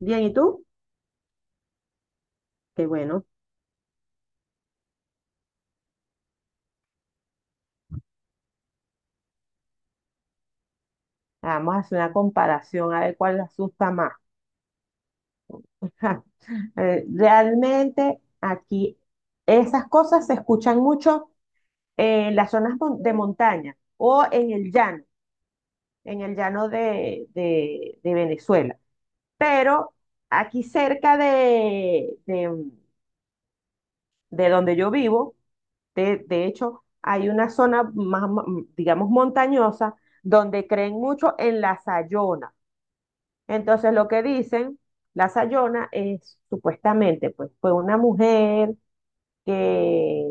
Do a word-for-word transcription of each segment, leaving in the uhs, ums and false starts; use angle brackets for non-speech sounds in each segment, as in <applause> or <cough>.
Bien, ¿y tú? Qué bueno. Vamos a hacer una comparación a ver cuál le asusta más. <laughs> Eh, Realmente aquí esas cosas se escuchan mucho en las zonas mon- de montaña o en el llano, en el llano de, de- de Venezuela. Pero aquí cerca de, de- de donde yo vivo, de, de hecho, hay una zona más, mo- digamos, montañosa donde creen mucho en la sayona. Entonces lo que dicen, la Sayona es, supuestamente, pues, fue una mujer que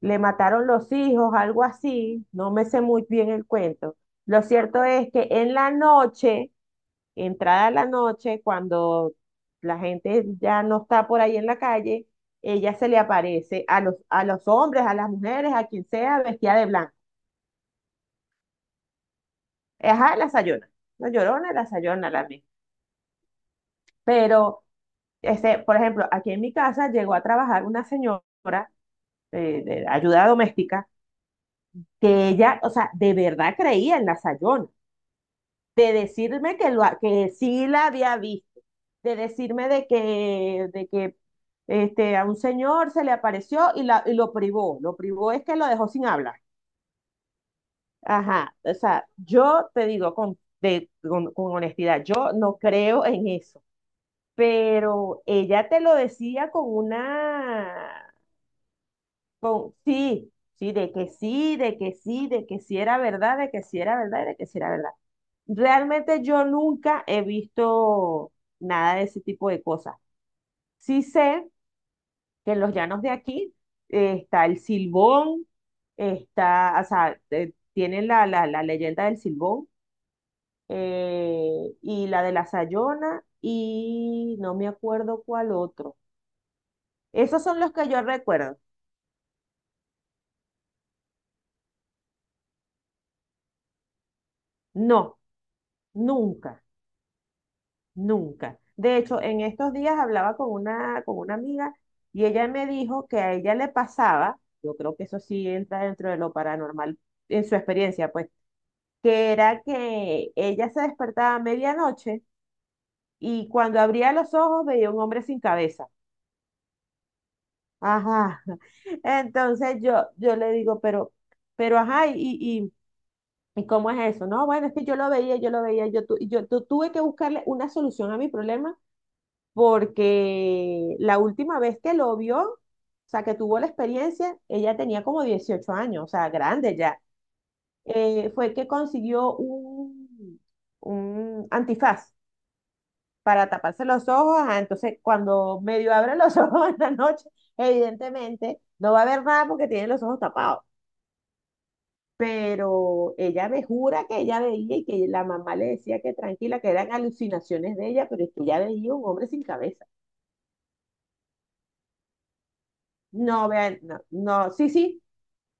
le mataron los hijos, algo así, no me sé muy bien el cuento. Lo cierto es que en la noche, entrada la noche, cuando la gente ya no está por ahí en la calle, ella se le aparece a los, a los hombres, a las mujeres, a quien sea, vestida de blanco. Ajá, la Sayona, la Llorona, la Sayona, la misma. Pero Este, por ejemplo, aquí en mi casa llegó a trabajar una señora eh, de ayuda doméstica que ella, o sea, de verdad creía en la Sayona, de decirme que, lo, ha- que sí la había visto, de decirme de que, de que este, a un señor se le apareció y, la, y lo privó, lo privó es que lo dejó sin hablar. Ajá, o sea, yo te digo con, de, con, con honestidad, yo no creo en eso, pero ella te lo decía con una. Con, sí, sí, de que sí, de que sí, de que sí era verdad, de que sí era verdad, y de que sí era verdad. Realmente yo nunca he visto nada de ese tipo de cosas. Sí sé que en los llanos de aquí eh, está el silbón, está, o sea, eh, tienen la, la, la leyenda del silbón, eh, y la de la Sayona y no me acuerdo cuál otro. Esos son los que yo recuerdo. No, nunca. Nunca. De hecho, en estos días hablaba con una, con una amiga y ella me dijo que a ella le pasaba, yo creo que eso sí entra dentro de lo paranormal en su experiencia, pues, que era que ella se despertaba a medianoche y cuando abría los ojos veía un hombre sin cabeza. Ajá. <laughs> Entonces yo, yo le digo, pero, pero, ajá, y, y, ¿y cómo es eso? No, bueno, es que yo lo veía, yo lo veía, yo, tu- yo tu- tuve que buscarle una solución a mi problema porque la última vez que lo vio, o sea, que tuvo la experiencia, ella tenía como dieciocho años, o sea, grande ya. Eh, fue que consiguió un, un antifaz para taparse los ojos. ah, Entonces, cuando medio abre los <laughs> ojos en la noche, evidentemente no va a ver nada porque tiene los ojos tapados. Pero ella me jura que ella veía y que la mamá le decía que tranquila, que eran alucinaciones de ella, pero es que ella veía un hombre sin cabeza. No, vean, no, no, sí, sí,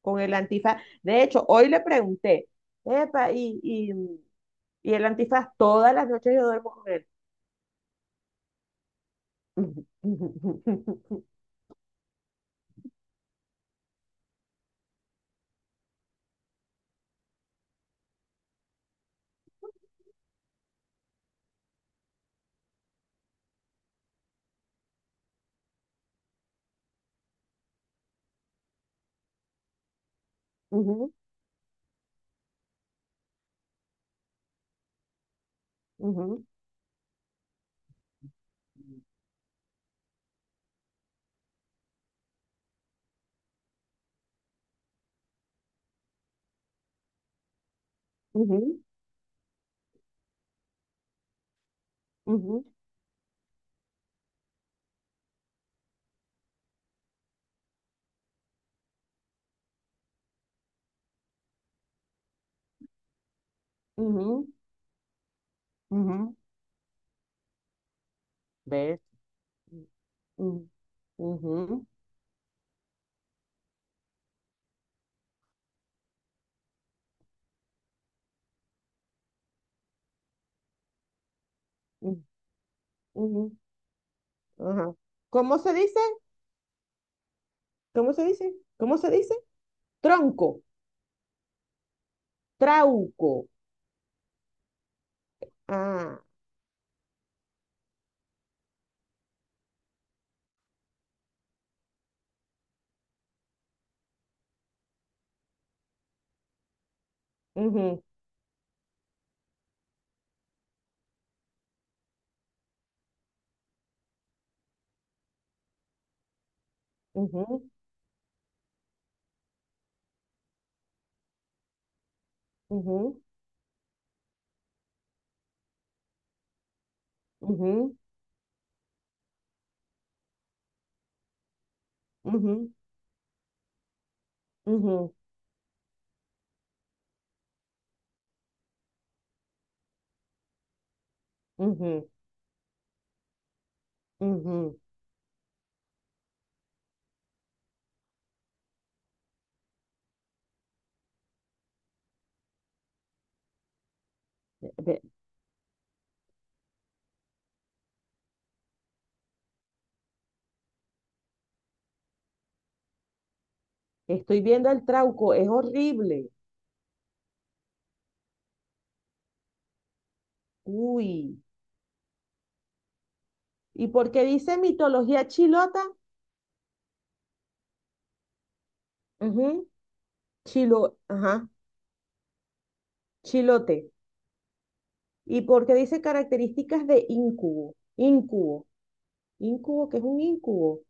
con el antifaz. De hecho, hoy le pregunté, epa, y, y, y el antifaz, todas las noches yo duermo con él. <laughs> Ujú, ujú, ujú, ujú, ujú, ujú. Ujú, ujú. ¿Ves? Ujú, ujú, ujú, ujú, ajá. ¿Cómo se dice? ¿Cómo se dice? ¿Cómo se dice? Tronco, trauco. Ah, ujú, ujú, ujú, ujú, ujú, ujú, ujú, ujú. Estoy viendo el trauco, es horrible. Uy. ¿Y por qué dice mitología chilota? Ujú, Chilo, ajá, chilote. ¿Y por qué dice características de incubo? Incubo. Incubo, ¿qué es un incubo?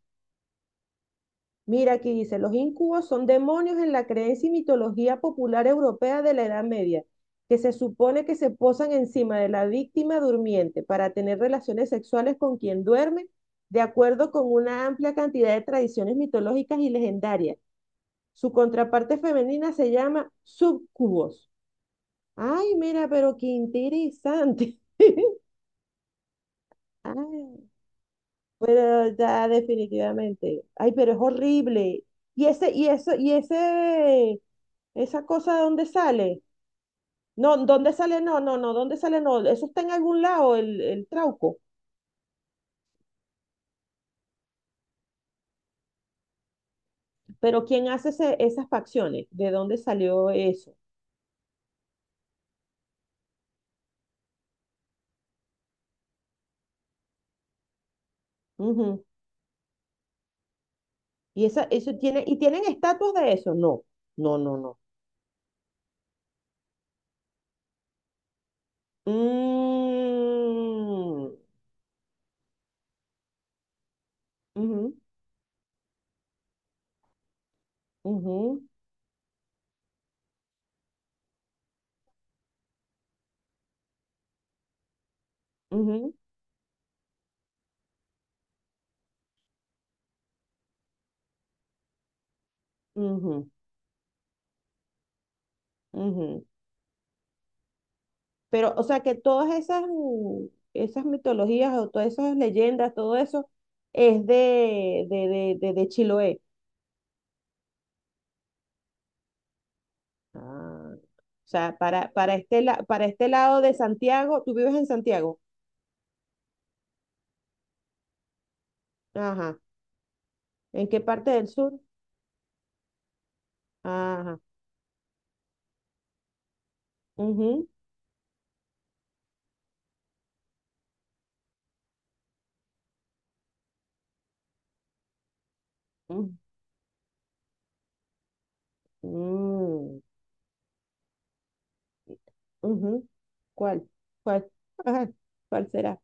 Mira, aquí dice, los incubos son demonios en la creencia y mitología popular europea de la Edad Media, que se supone que se posan encima de la víctima durmiente para tener relaciones sexuales con quien duerme, de acuerdo con una amplia cantidad de tradiciones mitológicas y legendarias. Su contraparte femenina se llama subcubos. Ay, mira, pero qué interesante. <laughs> Ay, pero ya definitivamente. Ay, pero es horrible. Y ese, y eso, y ese, esa cosa, ¿dónde sale? No, ¿dónde sale? No, no, no, ¿dónde sale? No, eso está en algún lado, el, el trauco. Pero ¿quién hace ese- esas facciones? ¿De dónde salió eso? Ujú. Y esa, eso tiene, ¿y tienen estatuas de eso? No, no, no, no. Mm, ujú, ujú, ujú, ujú, ujú. Pero, o sea, que todas esas, mm, esas mitologías o todas esas leyendas, todo eso es de, de, de, de, de Chiloé. Ah, o sea, para, para este, la- para este lado de Santiago, ¿tú vives en Santiago? Ajá. ¿En qué parte del sur? Ajá. Ujú. Mm, mm, ujú. ¿Cuál? ¿Cuál? Ajá. ¿Cuál será?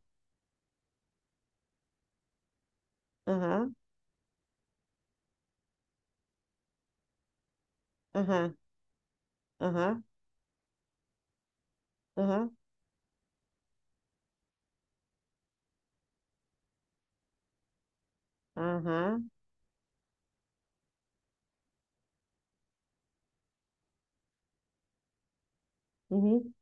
Ajá, ajá, ajá, ajá, ajá. Ujú.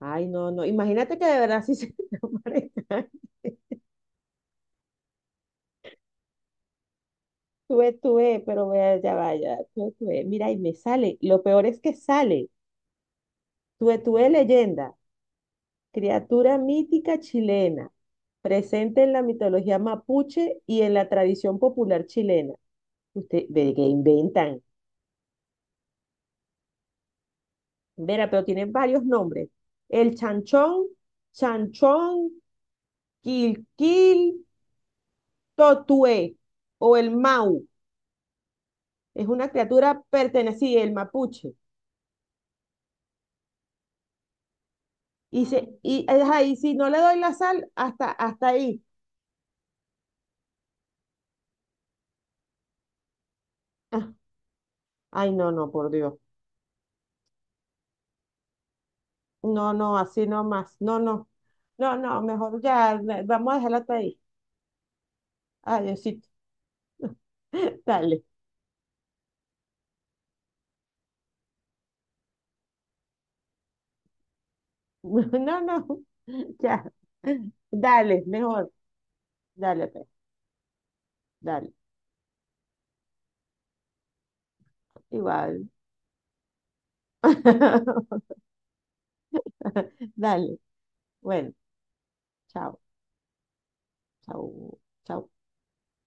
Ay, no, no. Imagínate que de verdad sí se <laughs> te aparezca. Tuve, tuve, pero vea, ya vaya, tuve, tuve. Mira, y me sale. Lo peor es que sale. Tuve, tuve leyenda, criatura mítica chilena, presente en la mitología mapuche y en la tradición popular chilena. Usted ve que inventan. Vera, pero tienen varios nombres. El chanchón, chanchón, quilquil, totué o el mau. Es una criatura perteneciente, el mapuche. Y, se, y, ajá, y si no le doy la sal, hasta, hasta ahí. Ah, ay, no, no, por Dios. No, no, así no más. No, no. No, no, mejor ya. ne- Vamos a dejarlo hasta ahí. Adiosito. <laughs> Dale. <laughs> No, no. Ya. Dale, mejor. Dale, pues, dale. Igual. <laughs> Dale. Bueno, chao, chao, chao.